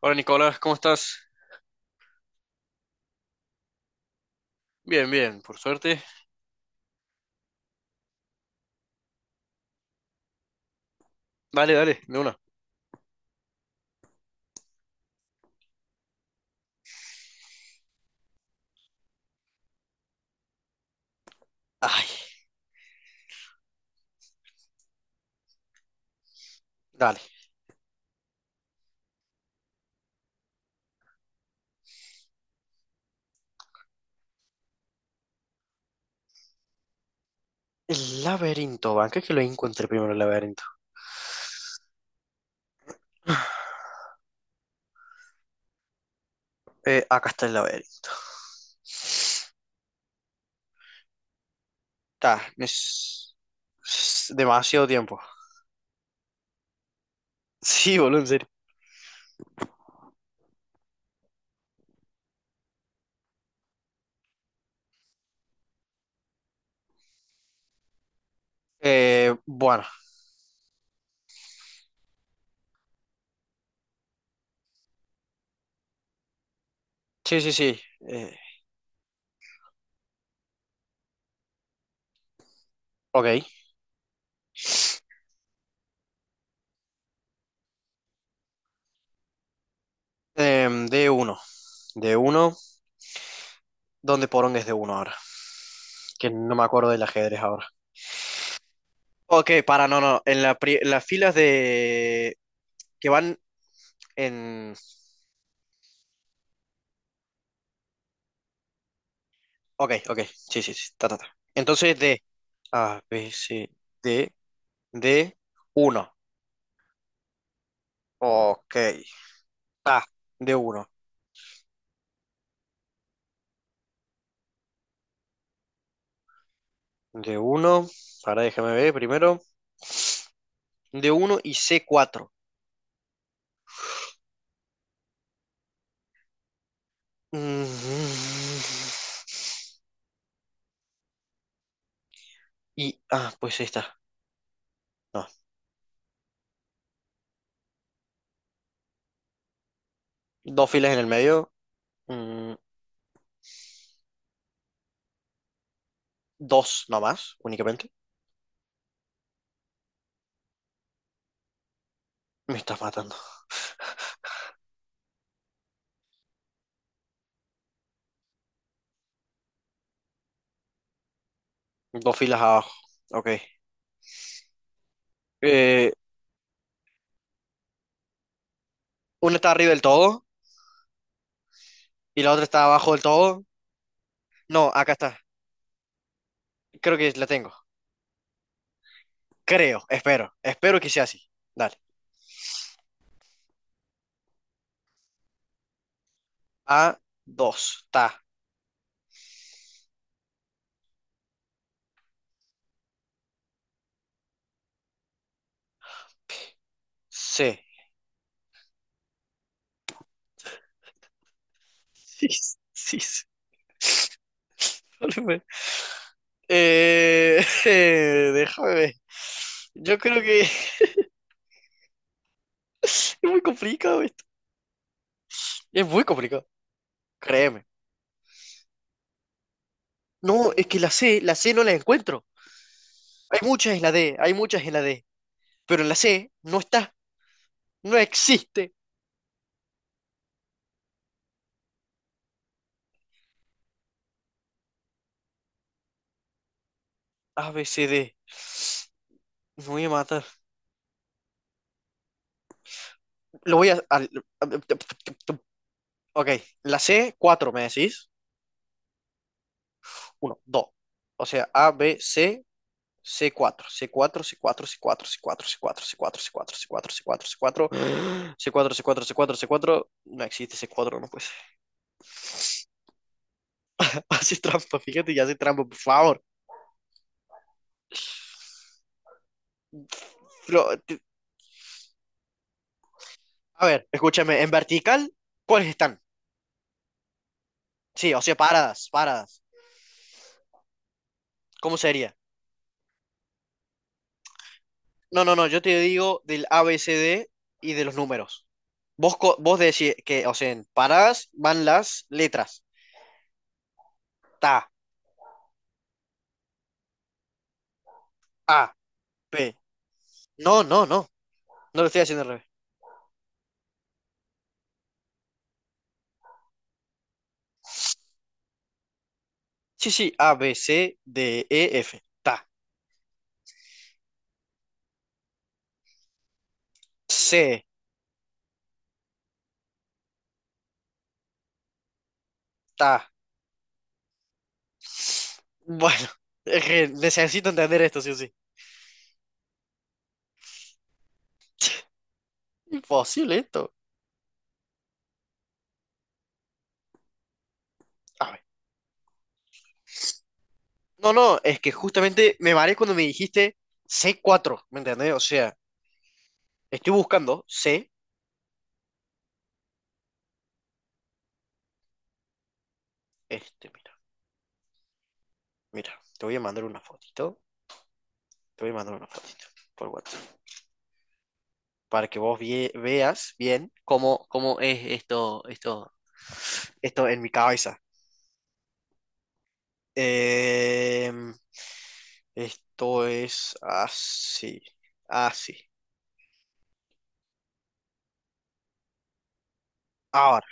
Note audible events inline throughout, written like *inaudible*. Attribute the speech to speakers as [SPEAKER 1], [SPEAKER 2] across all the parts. [SPEAKER 1] Hola Nicolás, ¿cómo estás? Bien, bien, por suerte. Dale, dale, de una. Ay, dale. El laberinto, van, que es que lo encontré primero el laberinto. *sighs* Acá está el laberinto. Está, es, es demasiado tiempo. *laughs* Sí, boludo, en serio. Bueno, sí, sí, sí. eh, ok. D uno. D1, ¿dónde poronga es D1 ahora? Que no me acuerdo del ajedrez ahora. Ok, para, no, no. En la las filas de. Que van en. Ok, ok. Sí, sí, sí. Ta, ta, ta. Entonces de A, B, C, D, D, uno. Ok. A, D, uno, D, uno. Ahora déjame ver primero. D, uno y C, 4. Y, ah, pues ahí está. No. Dos filas en el medio. Mm, Dos nomás, únicamente. Me estás matando. Dos filas abajo. Ok. Eh, una está arriba del todo y la otra está abajo del todo. No, acá está. Creo que la tengo. Creo, espero que sea así. Dale. A dos ta. C. *laughs* Sí, sí, sí. Disculpe. *laughs* Déjame ver. Yo creo que *laughs* es muy complicado esto. Es muy complicado, créeme. No, es que la C no la encuentro. Hay muchas en la D, hay muchas en la D. Pero en la C no está, no existe. A, B, C, D. Me voy a matar. Lo voy a, Ok, la C, cuatro, ¿me decís? Uno, dos. O sea, A, B, C, c cuatro, c cuatro, c cuatro, c cuatro, c cuatro, c cuatro, c cuatro, c cuatro, c cuatro, c cuatro, c cuatro, *gasps* c cuatro. C4, C4, C4. No existe c cuatro no pues. *laughs* Hace trampa, fíjate, ya hace trampa, por favor. Pero, a ver, escúchame, en vertical, ¿cuáles están? Sí, o sea, paradas, paradas. ¿Cómo sería? No, no, no, yo te digo del A B C D y de los números. Vos decís que, o sea, en paradas van las letras. Ta, A, P. No, no, no. No lo estoy haciendo al revés. Sí, sí, A, B, C, D, E, F. Ta, C, ta. Bueno, *laughs* es que necesito entender esto, sí o sí. *laughs* Imposible esto. A ver. No, no, es que justamente me mareé cuando me dijiste c cuatro, ¿me entendés? O sea, estoy buscando C, este, mira, mira, te voy a mandar una fotito, te voy a mandar una fotito por WhatsApp, para que vos veas bien cómo es esto, esto, esto en mi cabeza. Em, Esto es así, así. Ahora,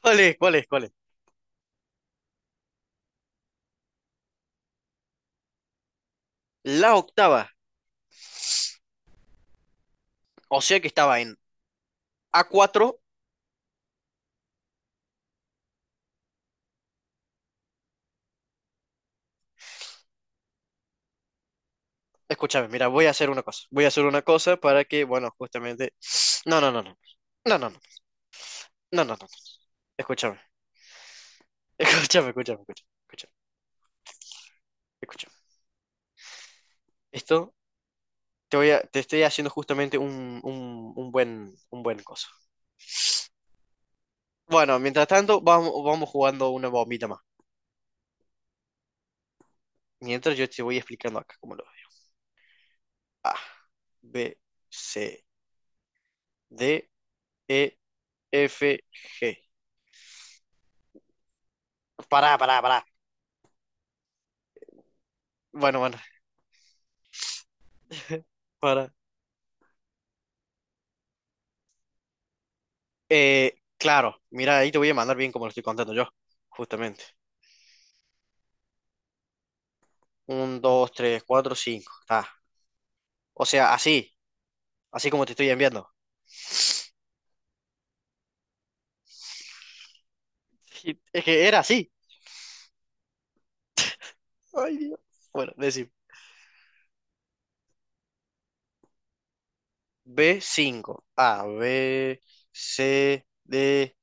[SPEAKER 1] ¿cuál es? ¿Cuál es? ¿Cuál es? La octava, o sea que estaba en a cuatro. Escúchame, mira, voy a hacer una cosa. Voy a hacer una cosa para que, bueno, justamente. No, no, no, no. No, no, no. No, no, no, no. Escúchame. *laughs* Escúchame, escúchame, escúchame, escúchame, escúchame. Esto te estoy haciendo justamente un buen coso. Bueno, mientras tanto, vamos jugando una bombita más. Mientras yo te voy explicando acá cómo lo veo. A, B, C, D, E, F, G. Pará, pará, pará. Bueno, bueno, para. Claro, mira, ahí te voy a mandar bien como lo estoy contando yo, justamente. Un, dos, tres, cuatro, cinco. Está. O sea, así, así como te estoy enviando. Sí, es que era así. Ay, Dios. Bueno, decir b cinco. A, B, C, D.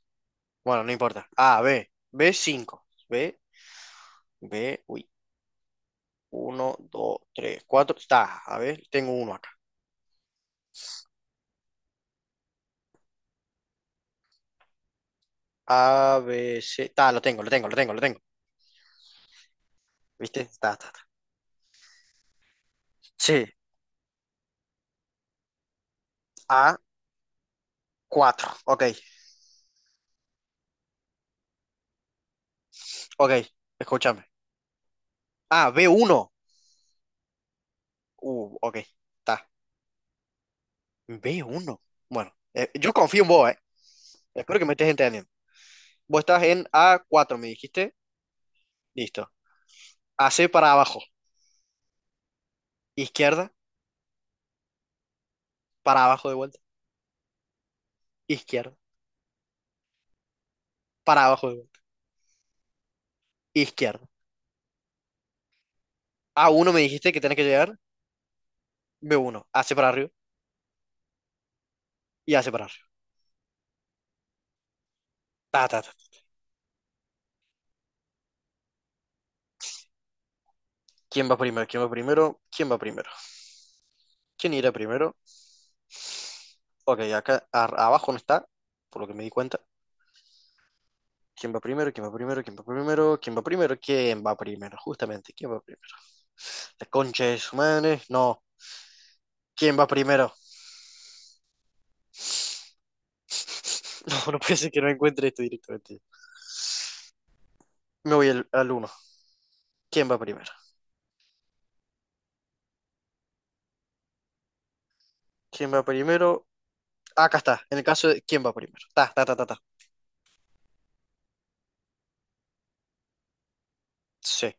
[SPEAKER 1] Bueno, no importa. A, B, b cinco, B, B, uy. Uno, dos, tres, cuatro. Está, a ver, tengo uno acá. A, B, C. Está, lo tengo, lo tengo, lo tengo, lo tengo. ¿Viste? Está, está, está. Sí, A, cuatro. Ok, ok, escúchame. Ah, b uno. Ok, está. B uno. Bueno, yo confío en vos, ¿eh? Espero que me estés entendiendo. Vos estás en a cuatro, me dijiste. Listo. AC para abajo. Izquierda, para abajo de vuelta. Izquierda, para abajo de vuelta. Izquierda. A uno me dijiste que tenés que llegar. B1. AC para arriba y AC para arriba. Ta, ta, ta. ¿Quién va primero? ¿Quién va primero? ¿Quién va primero? ¿Quién irá primero? Ok, acá abajo no está, por lo que me di cuenta. ¿Quién va primero? ¿Quién va primero? ¿Quién va primero? ¿Quién va primero? ¿Quién va primero? Justamente, ¿quién va primero? La concha de su madre. No. ¿Quién va primero? *laughs* No, no puede ser que no encuentre esto directamente. Me voy al uno. ¿Quién va primero? ¿Quién va primero? Acá está. En el caso de ¿quién va primero? Ta, ta, ta, ta, ta. Sí.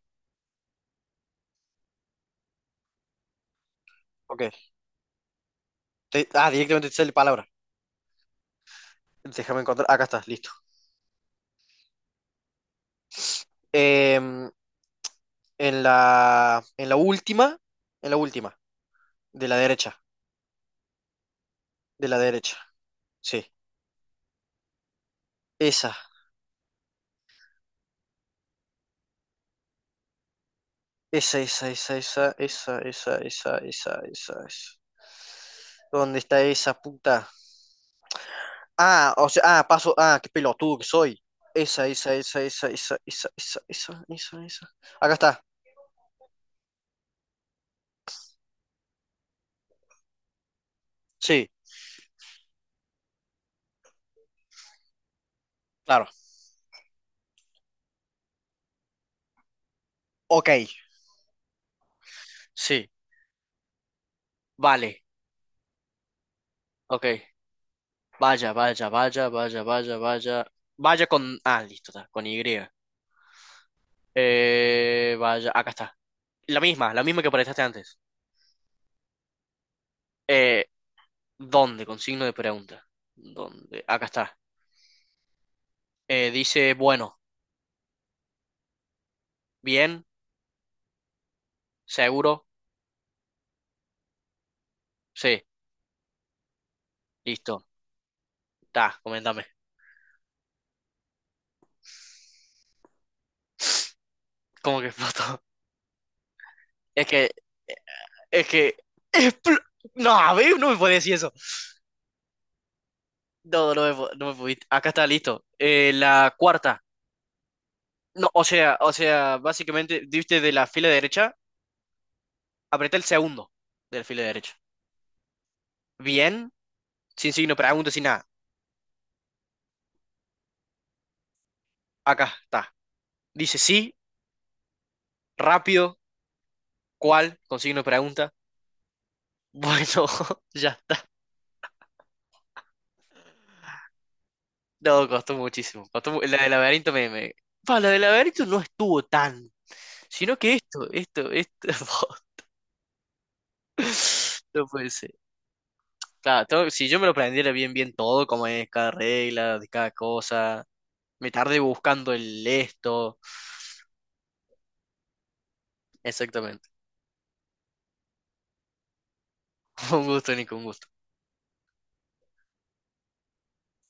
[SPEAKER 1] Ok. Directamente te sale palabra. Déjame encontrar. Acá está, listo. Em, en la última, en la última, de la derecha, de la derecha, sí. Esa, esa, esa, esa, esa, esa, esa, esa, esa, esa, esa. ¿Dónde está esa puta? Ah, o sea, ah, paso, ah, qué pelotudo que soy. Esa, esa, esa, esa, esa, esa, esa, esa, esa, esa. Acá está. Sí, claro. Ok, sí, vale, ok. Vaya, vaya, vaya, vaya, vaya, vaya. Vaya con, ah, listo, está, con Y. Vaya, acá está. La misma que apareciste antes. Eh, ¿Dónde? Con signo de pregunta. ¿Dónde? Acá está. Dice, bueno, bien, seguro, sí, listo. Ta, coméntame. ¿Cómo que explotó? *laughs* Es que, eh, es que, expl- no, a ver, no me puede decir eso. No, no me pudiste. Acá está, listo. La cuarta. No, o sea, básicamente, diste de la fila derecha, apreté el segundo de la fila derecha. Bien, sin signo de pregunta, sin nada. Acá está. Dice sí, rápido, ¿cuál? Con signo de pregunta. Bueno, *laughs* ya está. No, costó muchísimo. Costó la del laberinto me, Pa, la del laberinto no estuvo tan. Sino que esto, esto, esto. *laughs* No puede ser. Claro, si yo me lo aprendiera bien, bien todo, como es cada regla, de cada cosa. Me tardé buscando el esto. Exactamente. *laughs* Un gusto, Nico, un gusto.